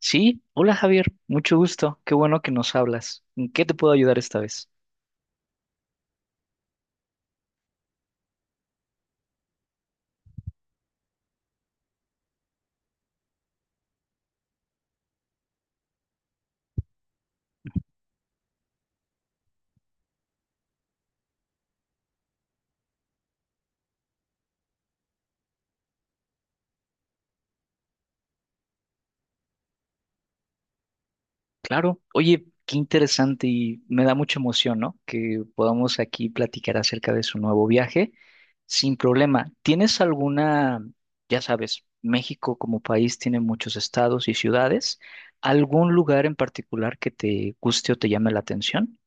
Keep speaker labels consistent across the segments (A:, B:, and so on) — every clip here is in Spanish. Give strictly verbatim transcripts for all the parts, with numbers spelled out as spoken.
A: Sí, hola Javier, mucho gusto, qué bueno que nos hablas. ¿En qué te puedo ayudar esta vez? Claro, oye, qué interesante y me da mucha emoción, ¿no? Que podamos aquí platicar acerca de su nuevo viaje sin problema. ¿Tienes alguna, ya sabes, México como país tiene muchos estados y ciudades, algún lugar en particular que te guste o te llame la atención?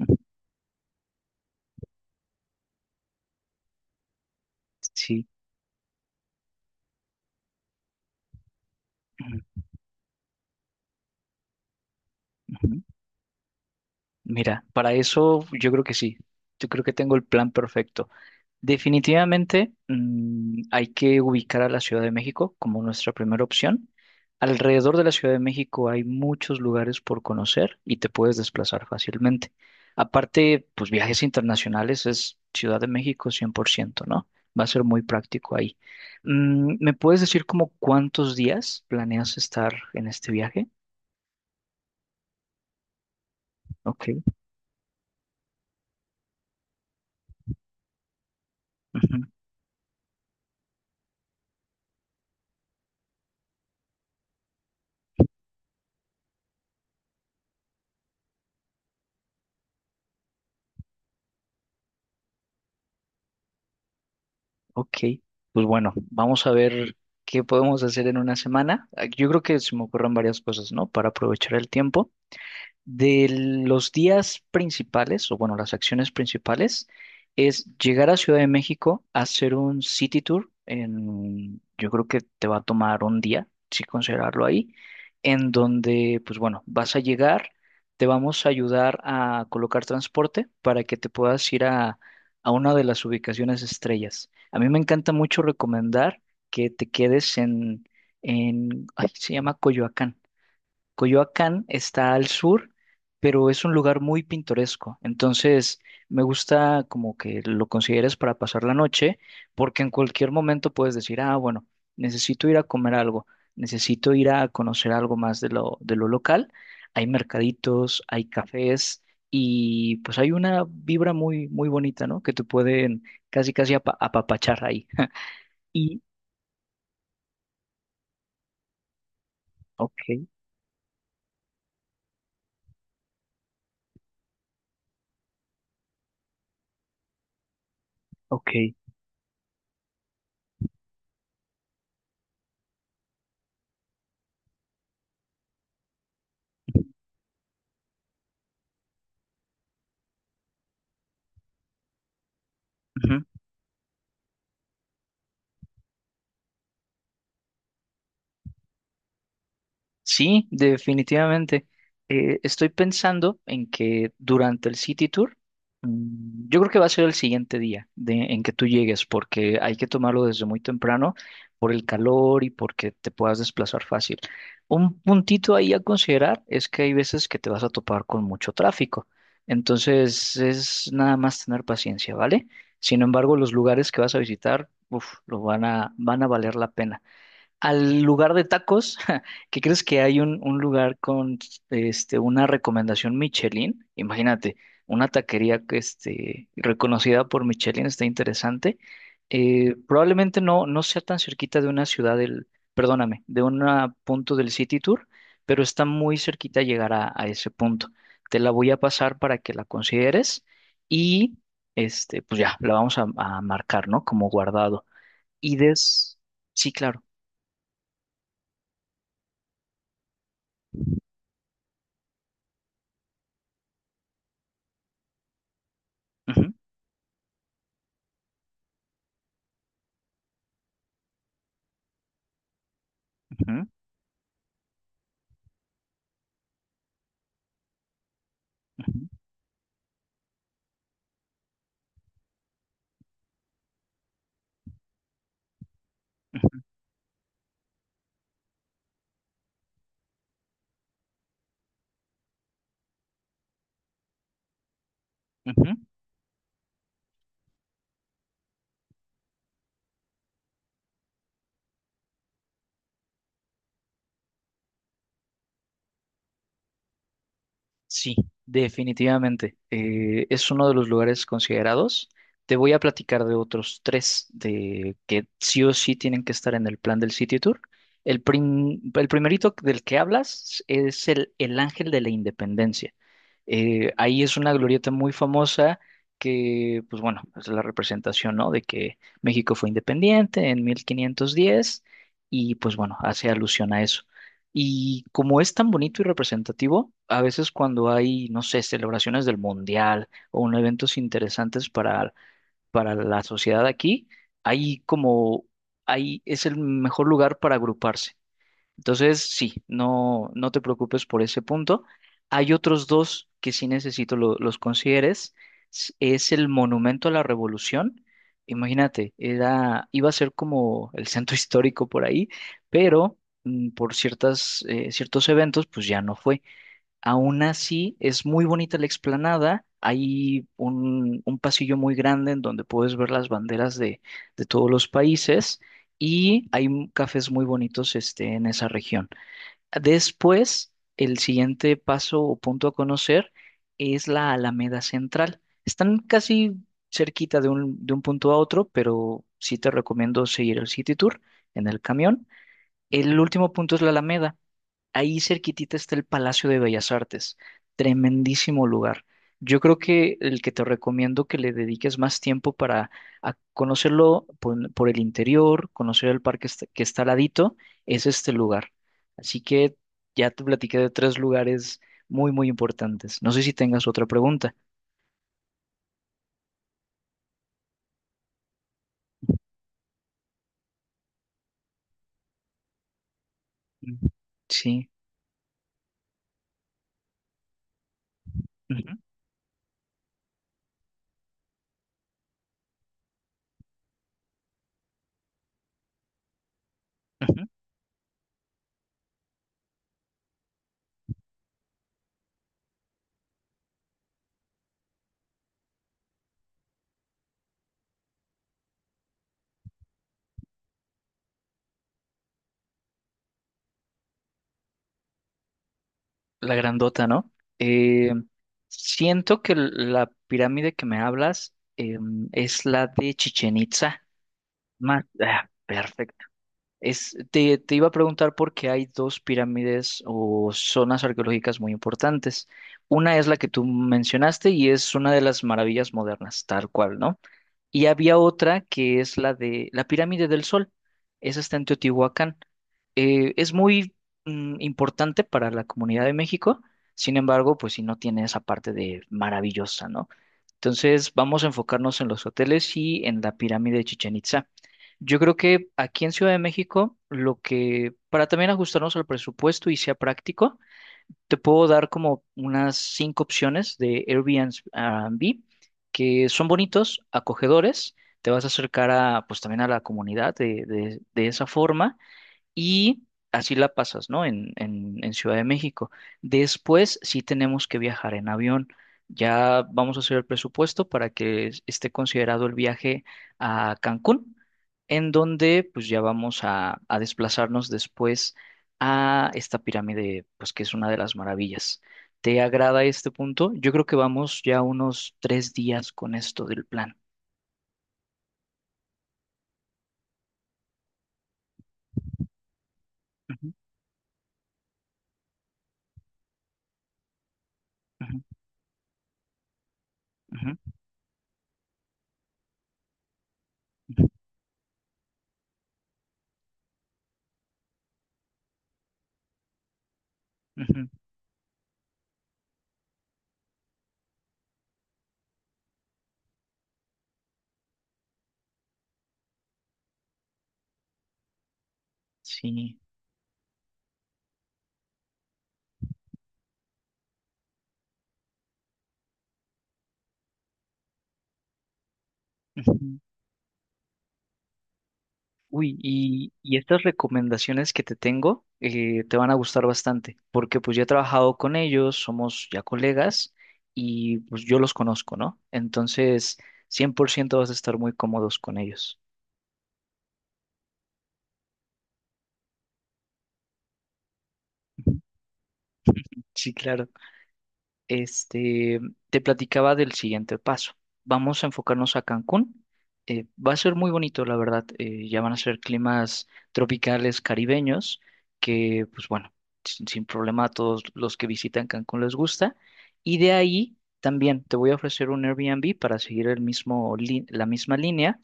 A: Ujú. Sí, ujú, ujú. Mira, para eso yo creo que sí. Yo creo que tengo el plan perfecto. Definitivamente, mm, hay que ubicar a la Ciudad de México como nuestra primera opción. Alrededor de la Ciudad de México hay muchos lugares por conocer y te puedes desplazar fácilmente. Aparte, pues viajes internacionales es Ciudad de México cien por ciento, ¿no? Va a ser muy práctico ahí. Mm, ¿me puedes decir como cuántos días planeas estar en este viaje? Ok. Ok, pues bueno, vamos a ver qué podemos hacer en una semana. Ah, yo creo que se me ocurren varias cosas, ¿no? Para aprovechar el tiempo. De los días principales, o bueno, las acciones principales, es llegar a Ciudad de México, hacer un city tour en, yo creo que te va a tomar un día, si considerarlo ahí, en donde, pues bueno, vas a llegar, te vamos a ayudar a colocar transporte para que te puedas ir a, a una de las ubicaciones estrellas. A mí me encanta mucho recomendar que te quedes en, en, ay, se llama Coyoacán. Coyoacán está al sur, pero es un lugar muy pintoresco. Entonces, me gusta como que lo consideres para pasar la noche, porque en cualquier momento puedes decir, ah, bueno, necesito ir a comer algo, necesito ir a conocer algo más de lo, de lo local. Hay mercaditos, hay cafés y pues hay una vibra muy, muy bonita, ¿no? Que te pueden casi, casi apa- apapachar ahí. Y, ok, ok. Ujú. Sí, definitivamente. Eh, estoy pensando en que durante el City Tour, mm, yo creo que va a ser el siguiente día de- en que tú llegues, porque hay que tomarlo desde muy temprano por el calor y porque te puedas desplazar fácil. Un puntito ahí a considerar es que hay veces que te vas a topar con mucho tráfico, entonces es nada más tener paciencia, ¿vale? Sin embargo, los lugares que vas a visitar, uf, lo van a, van a valer la pena al lugar de tacos, ¿qué crees que hay un, un lugar con este, una recomendación Michelin? Imagínate, una taquería que este, reconocida por Michelin está interesante. Eh, probablemente no, no sea tan cerquita de una ciudad del, perdóname, de un punto del City Tour, pero está muy cerquita llegar a, a ese punto. Te la voy a pasar para que la consideres y este, pues ya, la vamos a, a marcar, ¿no? Como guardado. Y des, sí, claro. Ujú. Ujú, ujú, ujú, ujú. Sí, definitivamente. Eh, es uno de los lugares considerados. Te voy a platicar de otros tres de que sí o sí tienen que estar en el plan del City Tour. El, prim- el primerito del que hablas es el, el Ángel de la Independencia. Eh, ahí es una glorieta muy famosa que, pues bueno, es la representación, ¿no? De que México fue independiente en mil quinientos diez y pues bueno, hace alusión a eso. Y como es tan bonito y representativo, a veces cuando hay, no sé, celebraciones del mundial o un eventos interesantes para, para la sociedad aquí, hay como, ahí es el mejor lugar para agruparse. Entonces, sí, no, no te preocupes por ese punto. Hay otros dos que sí necesito lo- los consideres. S- Es el Monumento a la Revolución. Imagínate, era, iba a ser como el centro histórico por ahí, pero mm, por ciertas, eh, ciertos eventos, pues ya no fue. Aún así, es muy bonita la explanada. Hay un, un pasillo muy grande en donde puedes ver las banderas de, de todos los países y hay m- cafés muy bonitos este, en esa región. Después, el siguiente paso o punto a conocer es la Alameda Central. Están casi cerquita de un, de un punto a otro, pero sí te recomiendo seguir el City Tour en el camión. El último punto es la Alameda. Ahí cerquitita está el Palacio de Bellas Artes, tremendísimo lugar. Yo creo que el que te recomiendo que le dediques más tiempo para a conocerlo por, por el interior, conocer el parque est- que está al ladito, es este lugar. Así que ya te platiqué de tres lugares muy, muy importantes. No sé si tengas otra pregunta. Mm. Sí. Ujú, ujú. La grandota, ¿no? Eh, Siento que l- la pirámide que me hablas em, es la de Chichen Más, ah, perfecto. Es, te, te iba a preguntar por qué hay dos pirámides o zonas arqueológicas muy importantes. Una es la que tú mencionaste y es una de las maravillas modernas, tal cual, ¿no? Y había otra que es la de la Pirámide del Sol. Esa está en Teotihuacán. Eh, es muy mm, importante para la comunidad de México, sin embargo, pues si no tiene esa parte de maravillosa, ¿no? Entonces, vamos a enfocarnos en los hoteles y en la pirámide de Chichén Itzá. Yo creo que aquí en Ciudad de México, lo que, para también ajustarnos al presupuesto y sea práctico, te puedo dar como unas cinco opciones de Airbnb que son bonitos, acogedores. Te vas a acercar a, pues también a la comunidad de, de- de esa forma y así la pasas, ¿no? En, en, en Ciudad de México. Después sí tenemos que viajar en avión. Ya vamos a hacer el presupuesto para que es- esté considerado el viaje a Cancún, en donde pues ya vamos a, a desplazarnos después a esta pirámide, pues que es una de las maravillas. ¿Te agrada este punto? Yo creo que vamos ya unos tres días con esto del plan. Ujú, ujú, ujú, ujú, ujú. Sí. Ujú. Uy, y, y estas recomendaciones que te tengo eh, te van a gustar bastante, porque pues ya he trabajado con ellos, somos ya colegas y pues yo los conozco, ¿no? Entonces, cien por ciento vas a estar muy cómodos con ellos. Sí, claro. Este, te platicaba del siguiente paso. Vamos a enfocarnos a Cancún. Eh, va a ser muy bonito, la verdad. Eh, ya van a ser climas tropicales caribeños que, pues bueno, sin, sin problema a todos los que visitan Cancún les gusta. Y de ahí también te voy a ofrecer un Airbnb para seguir el mismo, lin- la misma línea.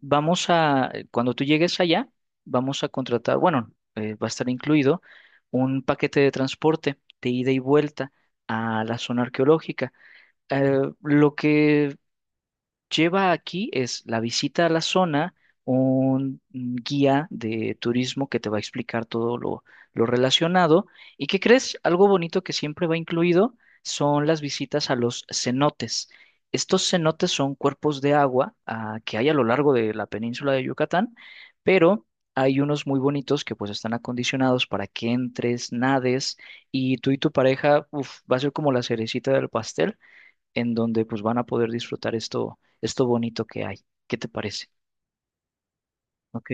A: Vamos a, eh, cuando tú llegues allá, vamos a contratar, bueno, eh, va a estar incluido un paquete de transporte de ida y vuelta a la zona arqueológica. Eh, lo que lleva aquí es la visita a la zona, un guía de turismo que te va a explicar todo lo, lo relacionado. ¿Y qué crees? Algo bonito que siempre va incluido son las visitas a los cenotes. Estos cenotes son cuerpos de agua ah, que hay a lo largo de la península de Yucatán, pero hay unos muy bonitos que pues están acondicionados para que entres, nades y tú y tu pareja, uf, va a ser como la cerecita del pastel en donde pues van a poder disfrutar esto, esto bonito que hay. ¿Qué te parece? Ok.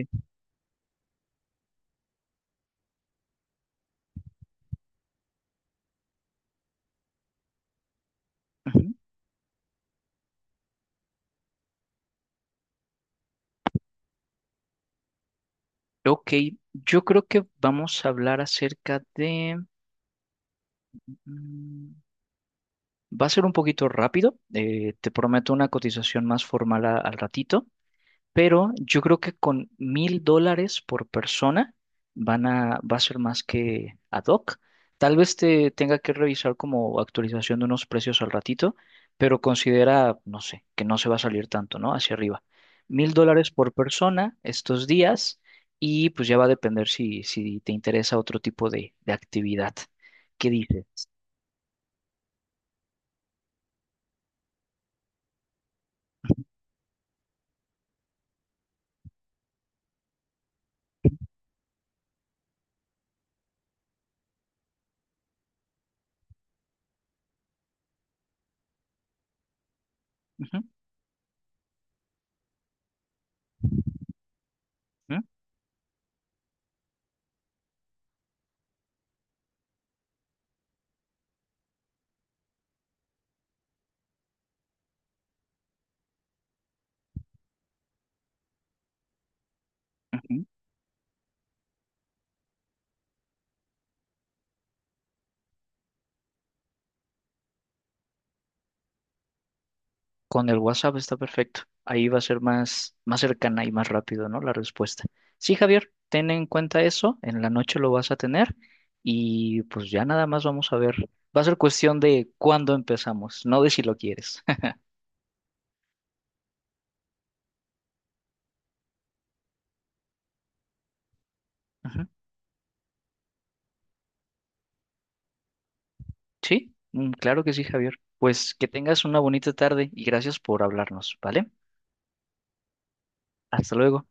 A: Ujú. Ok, yo creo que vamos a hablar acerca de... mm, va a ser un poquito rápido, eh, te prometo una cotización más formal a- al ratito, pero yo creo que con mil dólares por persona van a, va a ser más que ad hoc. Tal vez te tenga que revisar como actualización de unos precios al ratito, pero considera, no sé, que no se va a salir tanto, ¿no? Hacia arriba. Mil dólares por persona estos días y pues ya va a depender si, si te interesa otro tipo de, de actividad. ¿Qué dices? Ujú, ujú, ujú. Con el WhatsApp está perfecto. Ahí va a ser más, más cercana y más rápido, ¿no? La respuesta. Sí, Javier, ten en cuenta eso. En la noche lo vas a tener y pues ya nada más vamos a ver. Va a ser cuestión de cuándo empezamos, no de si lo quieres. Ujú. Sí, mm, claro que sí, Javier. Pues que tengas una bonita tarde y gracias por hablarnos, ¿vale? Hasta luego.